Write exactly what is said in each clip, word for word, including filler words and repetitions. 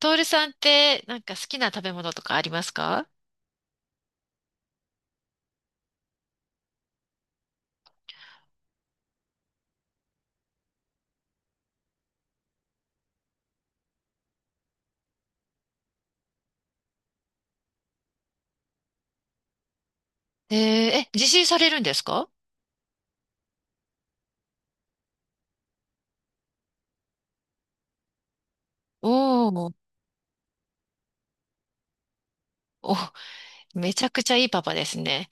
トールさんってなんか好きな食べ物とかありますか？えー、え、自炊されるんですか？おおー、お、めちゃくちゃいいパパですね。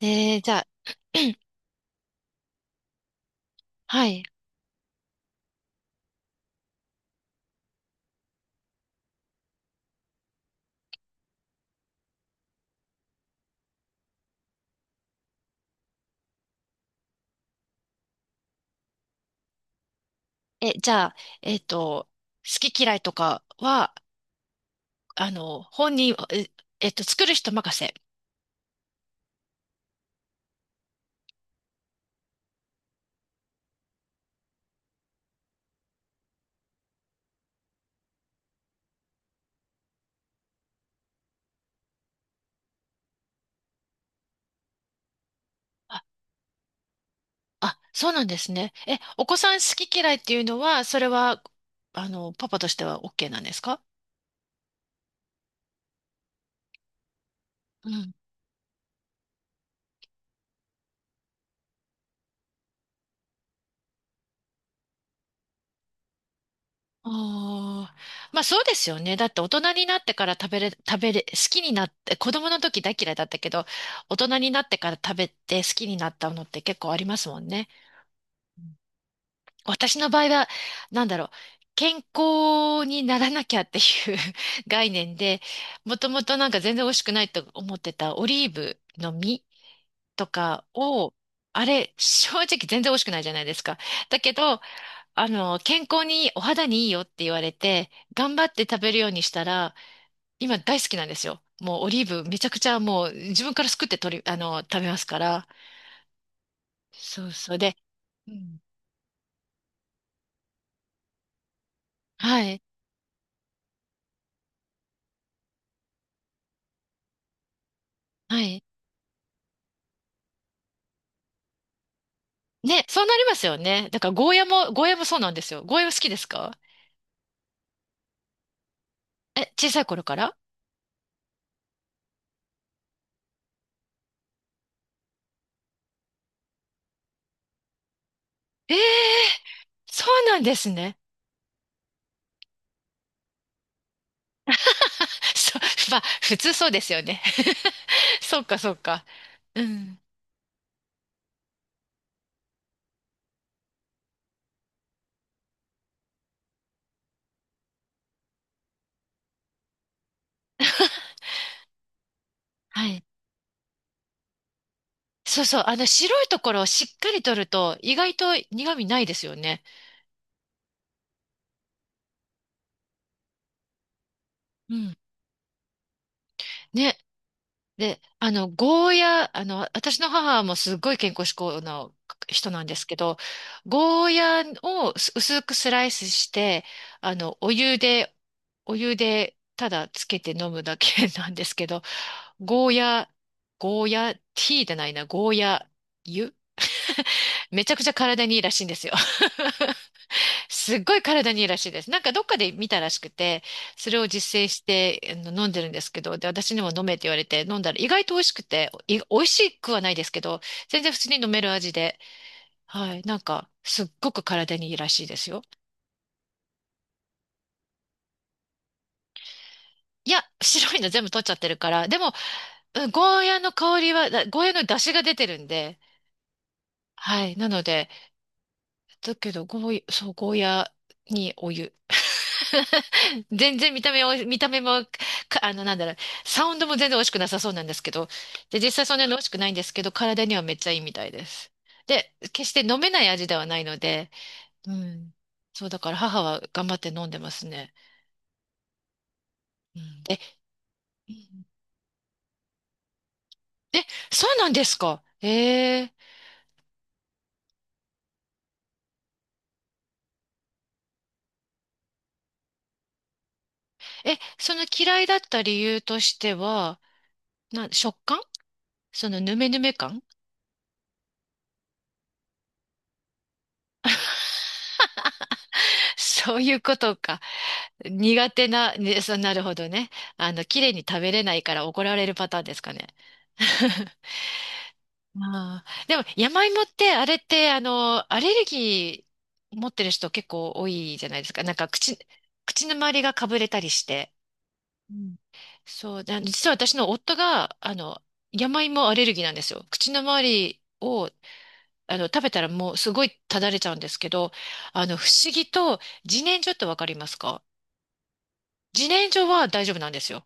えー、じゃあ、はい。え、じゃあ、えっと、好き嫌いとかは、あの、本人、え、えっと、作る人任せ。あ、そうなんですね。え、お子さん好き嫌いっていうのは、それは、あの、パパとしては オーケー なんですか？うん。ああ、まあそうですよね。だって大人になってから食べれ、食べれ、好きになって、子供の時大嫌いだったけど、大人になってから食べて好きになったのって結構ありますもんね。私の場合は、なんだろう、健康にならなきゃっていう 概念で、もともとなんか全然美味しくないと思ってたオリーブの実とかを、あれ、正直全然美味しくないじゃないですか。だけど、あの、健康にいい、お肌にいいよって言われて、頑張って食べるようにしたら、今大好きなんですよ。もうオリーブめちゃくちゃもう自分からすくって取り、あの、食べますから。そうそうで、うん、はい、はい。ね、そうなりますよね。だからゴーヤも、ゴーヤもそうなんですよ。ゴーヤも好きですか？え、小さい頃から？ええ、そうなんですね。そう、まあ、普通そうですよね。そうか、そうか。うん。はい。そうそう。あの、白いところをしっかり取ると、意外と苦味ないですよね。うん。ね。で、あの、ゴーヤ、あの、私の母もすごい健康志向の人なんですけど、ゴーヤをす薄くスライスして、あの、お湯で、お湯でただつけて飲むだけなんですけど、ゴーヤ、ゴーヤ、ティーじゃないな、ゴーヤ湯、めちゃくちゃ体にいいらしいんですよ。すっごい体にいいらしいです。なんかどっかで見たらしくて、それを実践してあの飲んでるんですけど、で、私にも飲めって言われて飲んだら意外と美味しくて、い美味しくはないですけど、全然普通に飲める味で、はい、なんかすっごく体にいいらしいですよ。いや、白いの全部取っちゃってるから、でも、うん、ゴーヤの香りは、だゴーヤの出汁が出てるんで、はい、なので、だけど、ゴー、そう、ゴーヤにお湯。全然見た目は、見た目も、かあの、なんだろう、サウンドも全然美味しくなさそうなんですけど、で、実際そんなに美味しくないんですけど、体にはめっちゃいいみたいです。で、決して飲めない味ではないので、うん。そう、だから母は頑張って飲んでますね。うん、で、うん、え、そうなんですか。ええ、え、その嫌いだった理由としては、な、食感、そのヌメヌメ感。 そういうことか。苦手な、ね、そう、なるほどね。あの、綺麗に食べれないから怒られるパターンですかね。ああ、でも山芋ってあれってあのアレルギー持ってる人結構多いじゃないですか。なんか口、口の周りがかぶれたりして。うん、そう、で実は私の夫があの山芋アレルギーなんですよ。口の周りをあの食べたらもうすごいただれちゃうんですけど、あの不思議と自然薯ってわかりますか？自然薯は大丈夫なんですよ。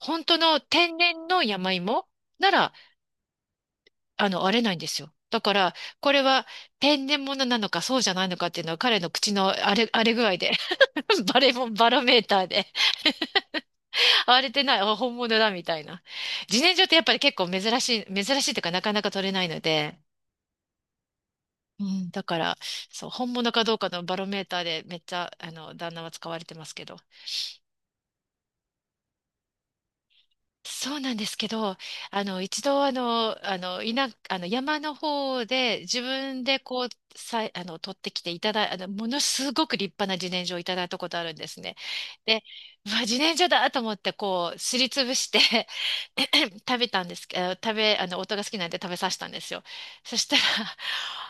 本当の天然の山芋なら、あの、割れないんですよ。だから、これは天然物なのかそうじゃないのかっていうのは彼の口の荒れ、荒れ具合で バレモン、バロメーターで荒れてない、あ本物だみたいな。自然薯ってやっぱり結構珍しい、珍しいというかなかなか取れないので、うん、だから、そう、本物かどうかのバロメーターでめっちゃ、あの、旦那は使われてますけど。そうなんですけど、あの、一度、あの、あの、いな、あの、山の方で自分でこう、さい、あの、取ってきていただい、あの、ものすごく立派な自然薯をいただいたことあるんですね。で、うわ、自然薯だと思って、こう、すりつぶして 食べたんですけど、食べ、あの、夫が好きなんで食べさせたんですよ。そしたら、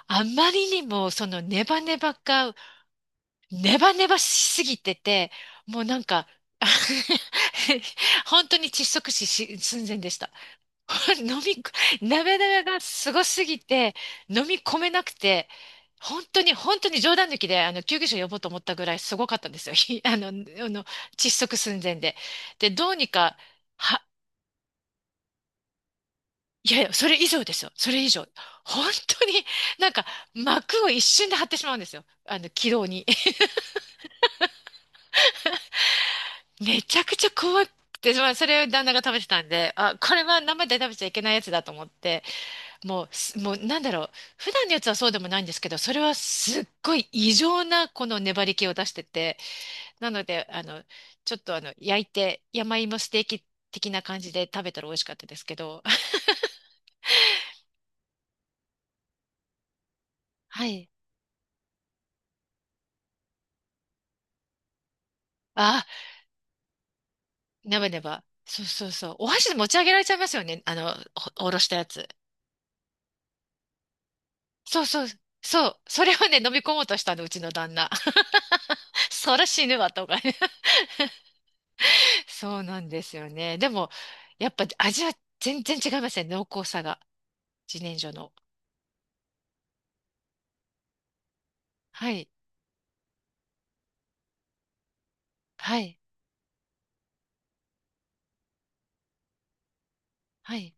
あまりにも、そのネバネバがネバネバしすぎてて、もうなんか、あ 本当に窒息死し寸前でした。飲みこ、ネバネバがすごすぎて、飲み込めなくて、本当に、本当に冗談抜きで、あの、救急車呼ぼうと思ったぐらいすごかったんですよ。ひあの、あの、窒息寸前で。で、どうにか、は、いやいや、それ以上ですよ。それ以上。本当に、なんか、膜を一瞬で張ってしまうんですよ。あの、気道に。めちゃくちゃ怖くて、まあ、それを旦那が食べてたんで、あ、これは生で食べちゃいけないやつだと思って、もうす、もうなんだろう、普段のやつはそうでもないんですけど、それはすっごい異常なこの粘り気を出してて、なので、あの、ちょっとあの、焼いて、山芋ステーキ的な感じで食べたら美味しかったですけど、はい。あ、ネバネバ。そうそうそう。お箸で持ち上げられちゃいますよね。あの、おおろしたやつ。そうそう、そう。それをね、飲み込もうとしたの、うちの旦那。そら死ぬわ、とかね。そうなんですよね。でも、やっぱ味は全然違いますね、濃厚さが。自然薯の。はい、はい、はい。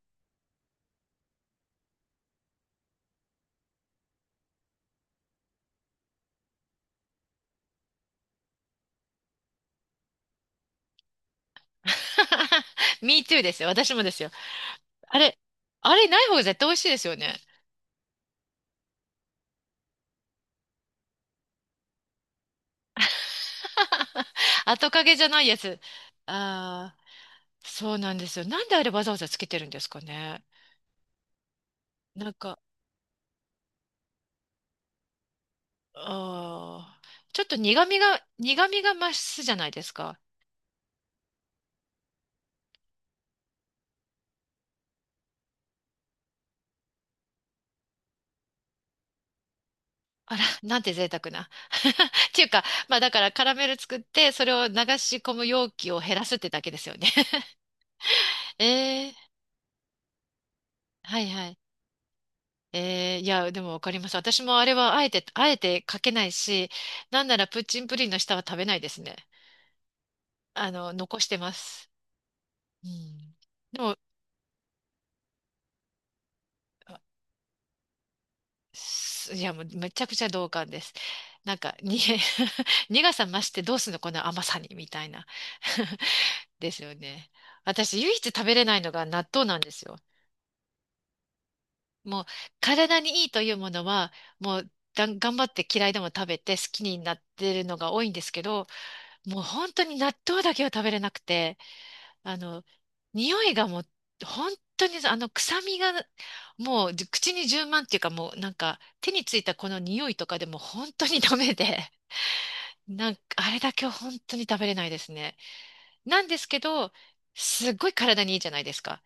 ミートゥー ですよ。私もですよ。あれ、あれない方が絶対美味しいですよね。後影じゃないやつ。ああ、そうなんですよ。なんであれわざわざつけてるんですかね。なんか、ああ、ちょっと苦味が、苦味が増すじゃないですか。あら、なんて贅沢な。っていうか、まあだからカラメル作って、それを流し込む容器を減らすってだけですよね。ええ、はいはい。ええいや、でもわかります。私もあれはあえて、あえてかけないし、なんならプッチンプリンの下は食べないですね。あの、残してます。うん。でも、すいや、もうめちゃくちゃ同感です。なんか、に、苦さ増してどうすんの、この甘さに、みたいな。ですよね。私、唯一食べれないのが納豆なんですよ。もう、体にいいというものは、もう、だん頑張って嫌いでも食べて好きになってるのが多いんですけど、もう本当に納豆だけは食べれなくて、あの、匂いがもう、本当にあの臭みが、もう口に充満っていうかもうなんか手についたこの匂いとかでも本当にダメで、なんかあれだけは本当に食べれないですね。なんですけど、すっごい体にいいじゃないですか。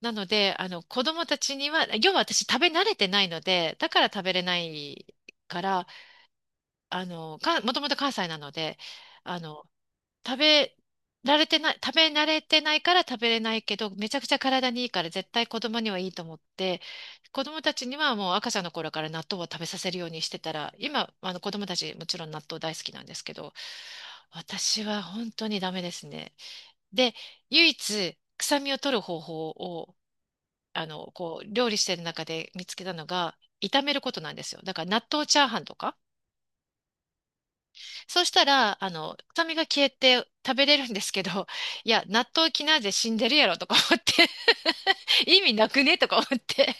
なので、あの子供たちには、要は私食べ慣れてないので、だから食べれないから、あの、か、もともと関西なので、あの、食べられてない、食べ慣れてないから食べれないけど、めちゃくちゃ体にいいから絶対子供にはいいと思って、子供たちにはもう赤ちゃんの頃から納豆を食べさせるようにしてたら、今、あの子供たちもちろん納豆大好きなんですけど、私は本当にダメですね。で、唯一臭みを取る方法を、あの、こう、料理してる中で見つけたのが、炒めることなんですよ。だから納豆チャーハンとか、そうしたら、あの、臭みが消えて食べれるんですけど、いや、納豆キナーゼ死んでるやろとか思って、意味なくねとか思って。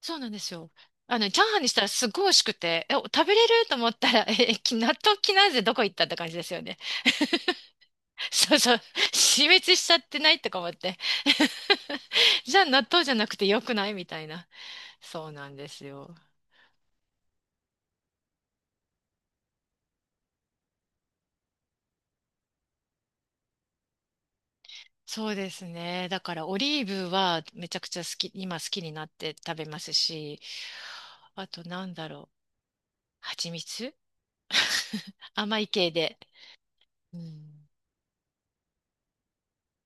そうなんですよ。あの、チャーハンにしたらすごい美味しくて、え、食べれると思ったら、え、き納豆キナーゼどこ行ったって感じですよね。そうそう。死滅しちゃってないとか思って。じゃあ納豆じゃなくてよくないみたいな。そうなんですよ。そうですね。だからオリーブはめちゃくちゃ好き、今好きになって食べますし、あとなんだろう。蜂蜜 甘い系で。うん